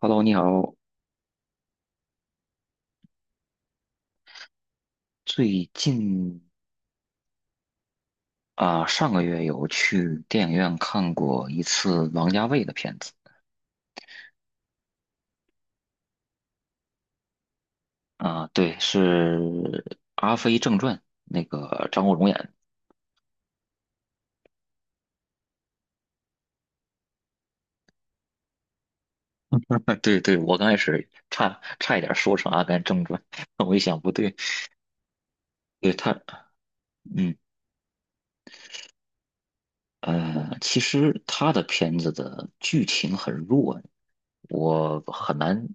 Hello，你好。最近上个月有去电影院看过一次王家卫的片子。对，是《阿飞正传》，那个张国荣演的。对对，我刚开始差一点说成《阿甘正传》，我一想不对，对他。嗯。其实他的片子的剧情很弱，我很难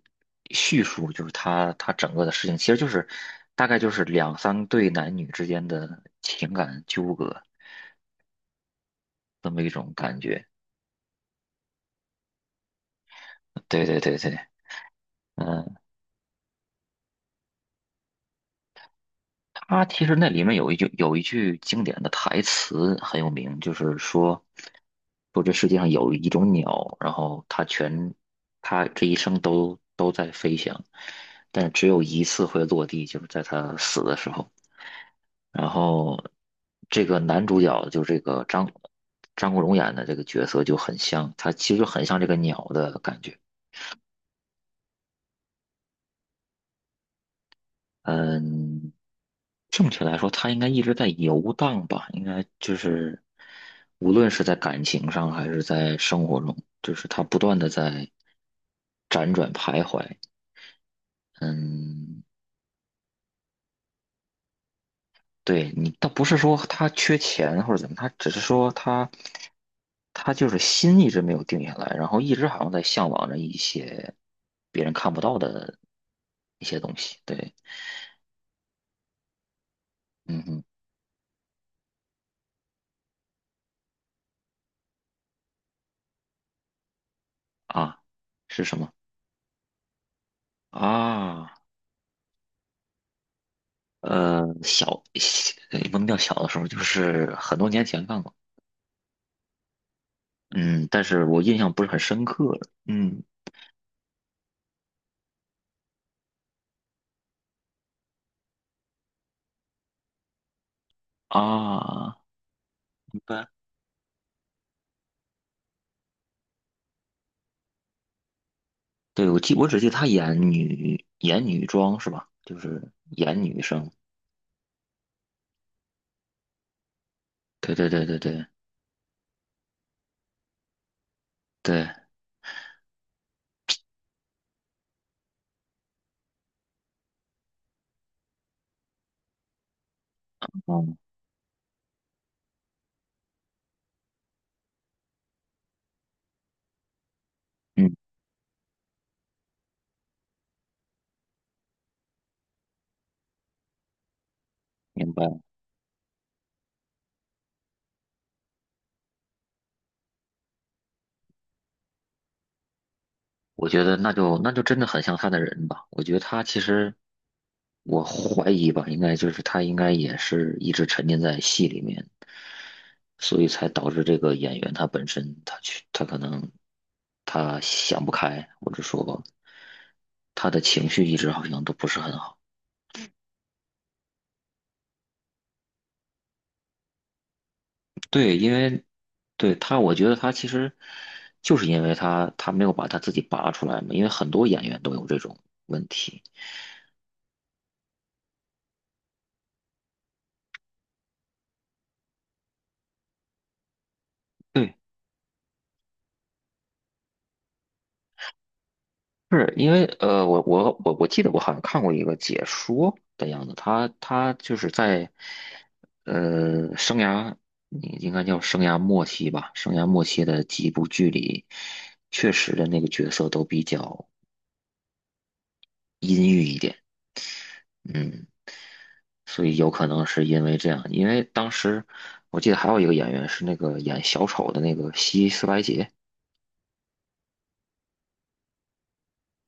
叙述，就是他整个的事情，其实就是大概就是两三对男女之间的情感纠葛这么一种感觉。对对对对。嗯、他其实那里面有一句经典的台词很有名，就是说这世界上有一种鸟，然后它这一生都在飞翔，但是只有一次会落地，就是在它死的时候。然后这个男主角就这个张国荣演的这个角色就很像，他其实很像这个鸟的感觉。嗯，正确来说，他应该一直在游荡吧，应该就是无论是在感情上还是在生活中，就是他不断的在辗转徘徊。嗯，对，你倒不是说他缺钱或者怎么，他只是说他就是心一直没有定下来，然后一直好像在向往着一些别人看不到的一些东西。对。嗯哼。啊，是什么啊？小，也不能掉小的时候，就是很多年前看过，嗯，但是我印象不是很深刻了。嗯，啊，明白。对，我记，我只记得她演女装是吧？就是演女生。对对对对对对。嗯嗯，明白。我觉得那就真的很像她的人吧。我觉得她其实，我怀疑吧，应该就是她应该也是一直沉浸在戏里面。所以才导致这个演员他本身他可能他想不开，或者说他的情绪一直好像都不是很好。对，因为，对他，我觉得他其实就是因为他没有把他自己拔出来嘛，因为很多演员都有这种问题。对，是因为我记得我好像看过一个解说的样子，他就是在生涯，你应该叫生涯末期吧，生涯末期的几部剧里，确实的那个角色都比较阴郁一点。嗯，所以有可能是因为这样，因为当时我记得还有一个演员是那个演小丑的那个希斯莱杰，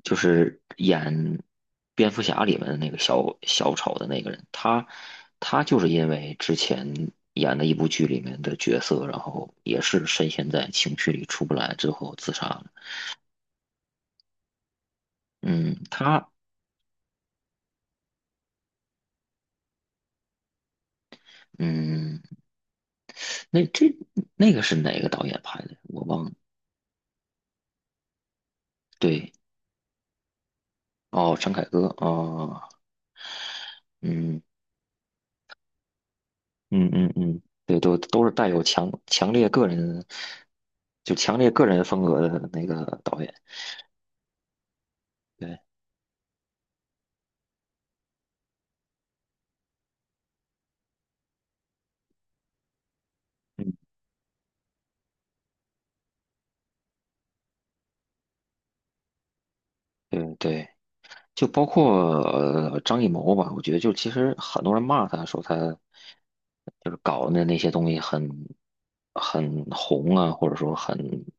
就是演蝙蝠侠里面的那个小丑的那个人，他他就是因为之前演的一部剧里面的角色，然后也是深陷在情绪里出不来之后自杀了。嗯，他，嗯，那这那个是哪个导演拍的？我忘了。对。哦，陈凯歌哦。嗯嗯嗯嗯，对，都都是带有强烈个人，就强烈个人风格的那个导演。对。嗯。对对。就包括张艺谋吧，我觉得就其实很多人骂他说他就是搞的那些东西很很红啊，或者说很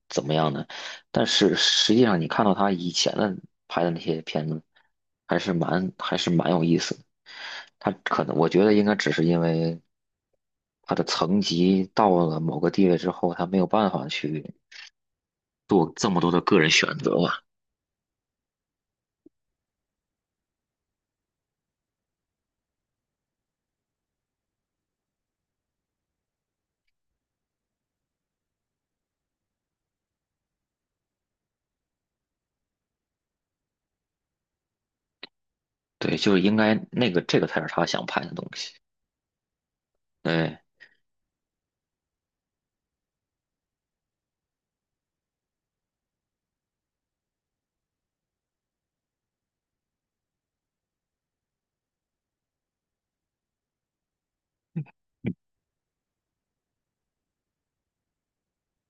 怎么样的，但是实际上你看到他以前的拍的那些片子，还是蛮还是蛮有意思的。他可能我觉得应该只是因为他的层级到了某个地位之后，他没有办法去做这么多的个人选择吧。对，就是应该那个这个才是他想拍的东西。对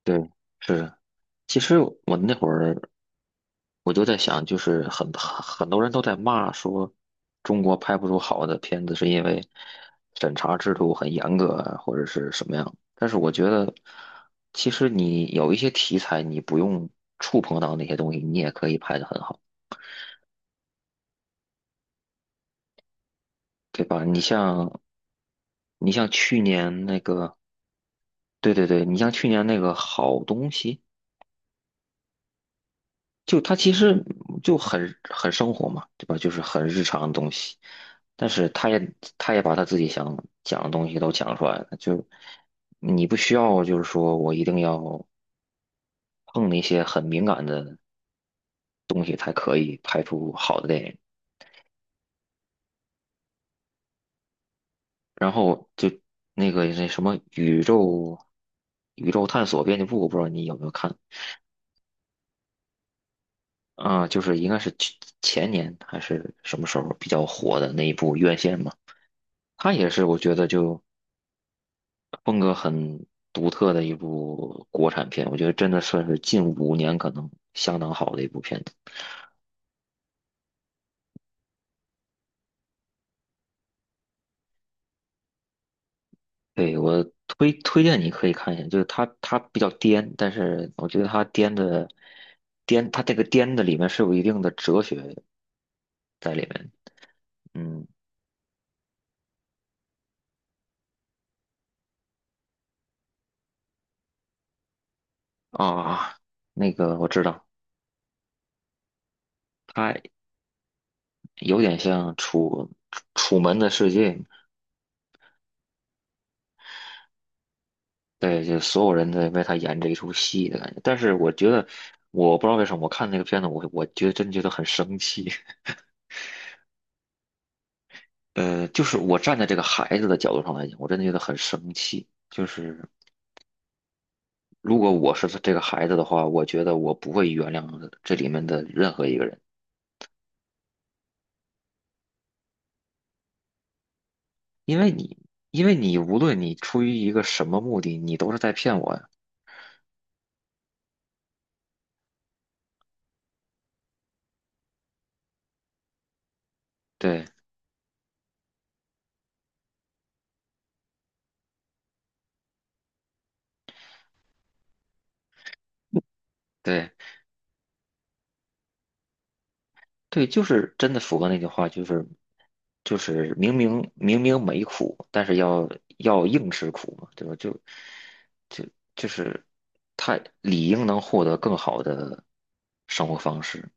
对，是。其实我那会儿我就在想，就是很很多人都在骂说中国拍不出好的片子，是因为审查制度很严格啊，或者是什么样。但是我觉得，其实你有一些题材，你不用触碰到那些东西，你也可以拍得很好，对吧？你像去年那个，对对对，你像去年那个好东西。就他其实就很很生活嘛，对吧？就是很日常的东西，但是他也把他自己想讲的东西都讲出来了，就你不需要就是说我一定要碰那些很敏感的东西才可以拍出好的电影。然后就那个那什么宇宙探索编辑部，我不知道你有没有看。啊，就是应该是去前年还是什么时候比较火的那一部《院线》嘛，他也是，我觉得就风格很独特的一部国产片，我觉得真的算是近5年可能相当好的一部片子。对，我推荐你可以看一下，就是它比较颠，但是我觉得它颠的颠，它这个颠的里面是有一定的哲学在里面。嗯，啊，那个我知道，它有点像楚《楚门的世界》。对，就所有人在为他演这一出戏的感觉。但是我觉得，我不知道为什么，我看那个片子，我觉得真觉得很生气。就是我站在这个孩子的角度上来讲，我真的觉得很生气。就是如果我是这个孩子的话，我觉得我不会原谅这里面的任何一个人，因为你，因为你无论你出于一个什么目的，你都是在骗我呀。对对。对，就是真的符合那句话，就是就是明明没苦，但是要要硬吃苦嘛，对吧？就就就是太理应能获得更好的生活方式。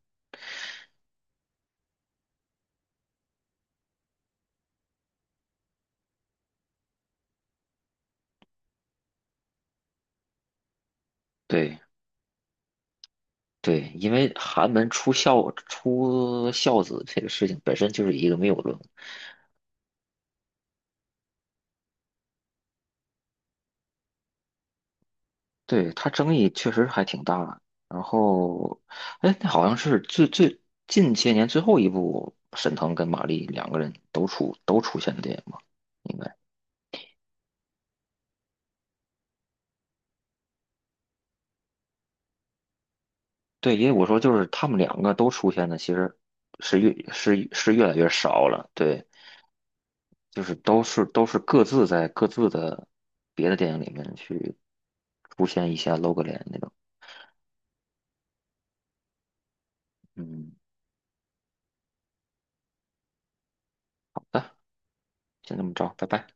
对对，因为寒门出孝子这个事情本身就是一个谬论。对，它争议确实还挺大。然后，哎，那好像是最近些年最后一部，沈腾跟马丽两个人都出现的电影吧？应该，对，因为我说就是他们两个都出现的，其实是越是是越来越少了。对，就是都是各自在各自的别的电影里面去出现一下露个脸那种。嗯，好的，先这么着，拜拜。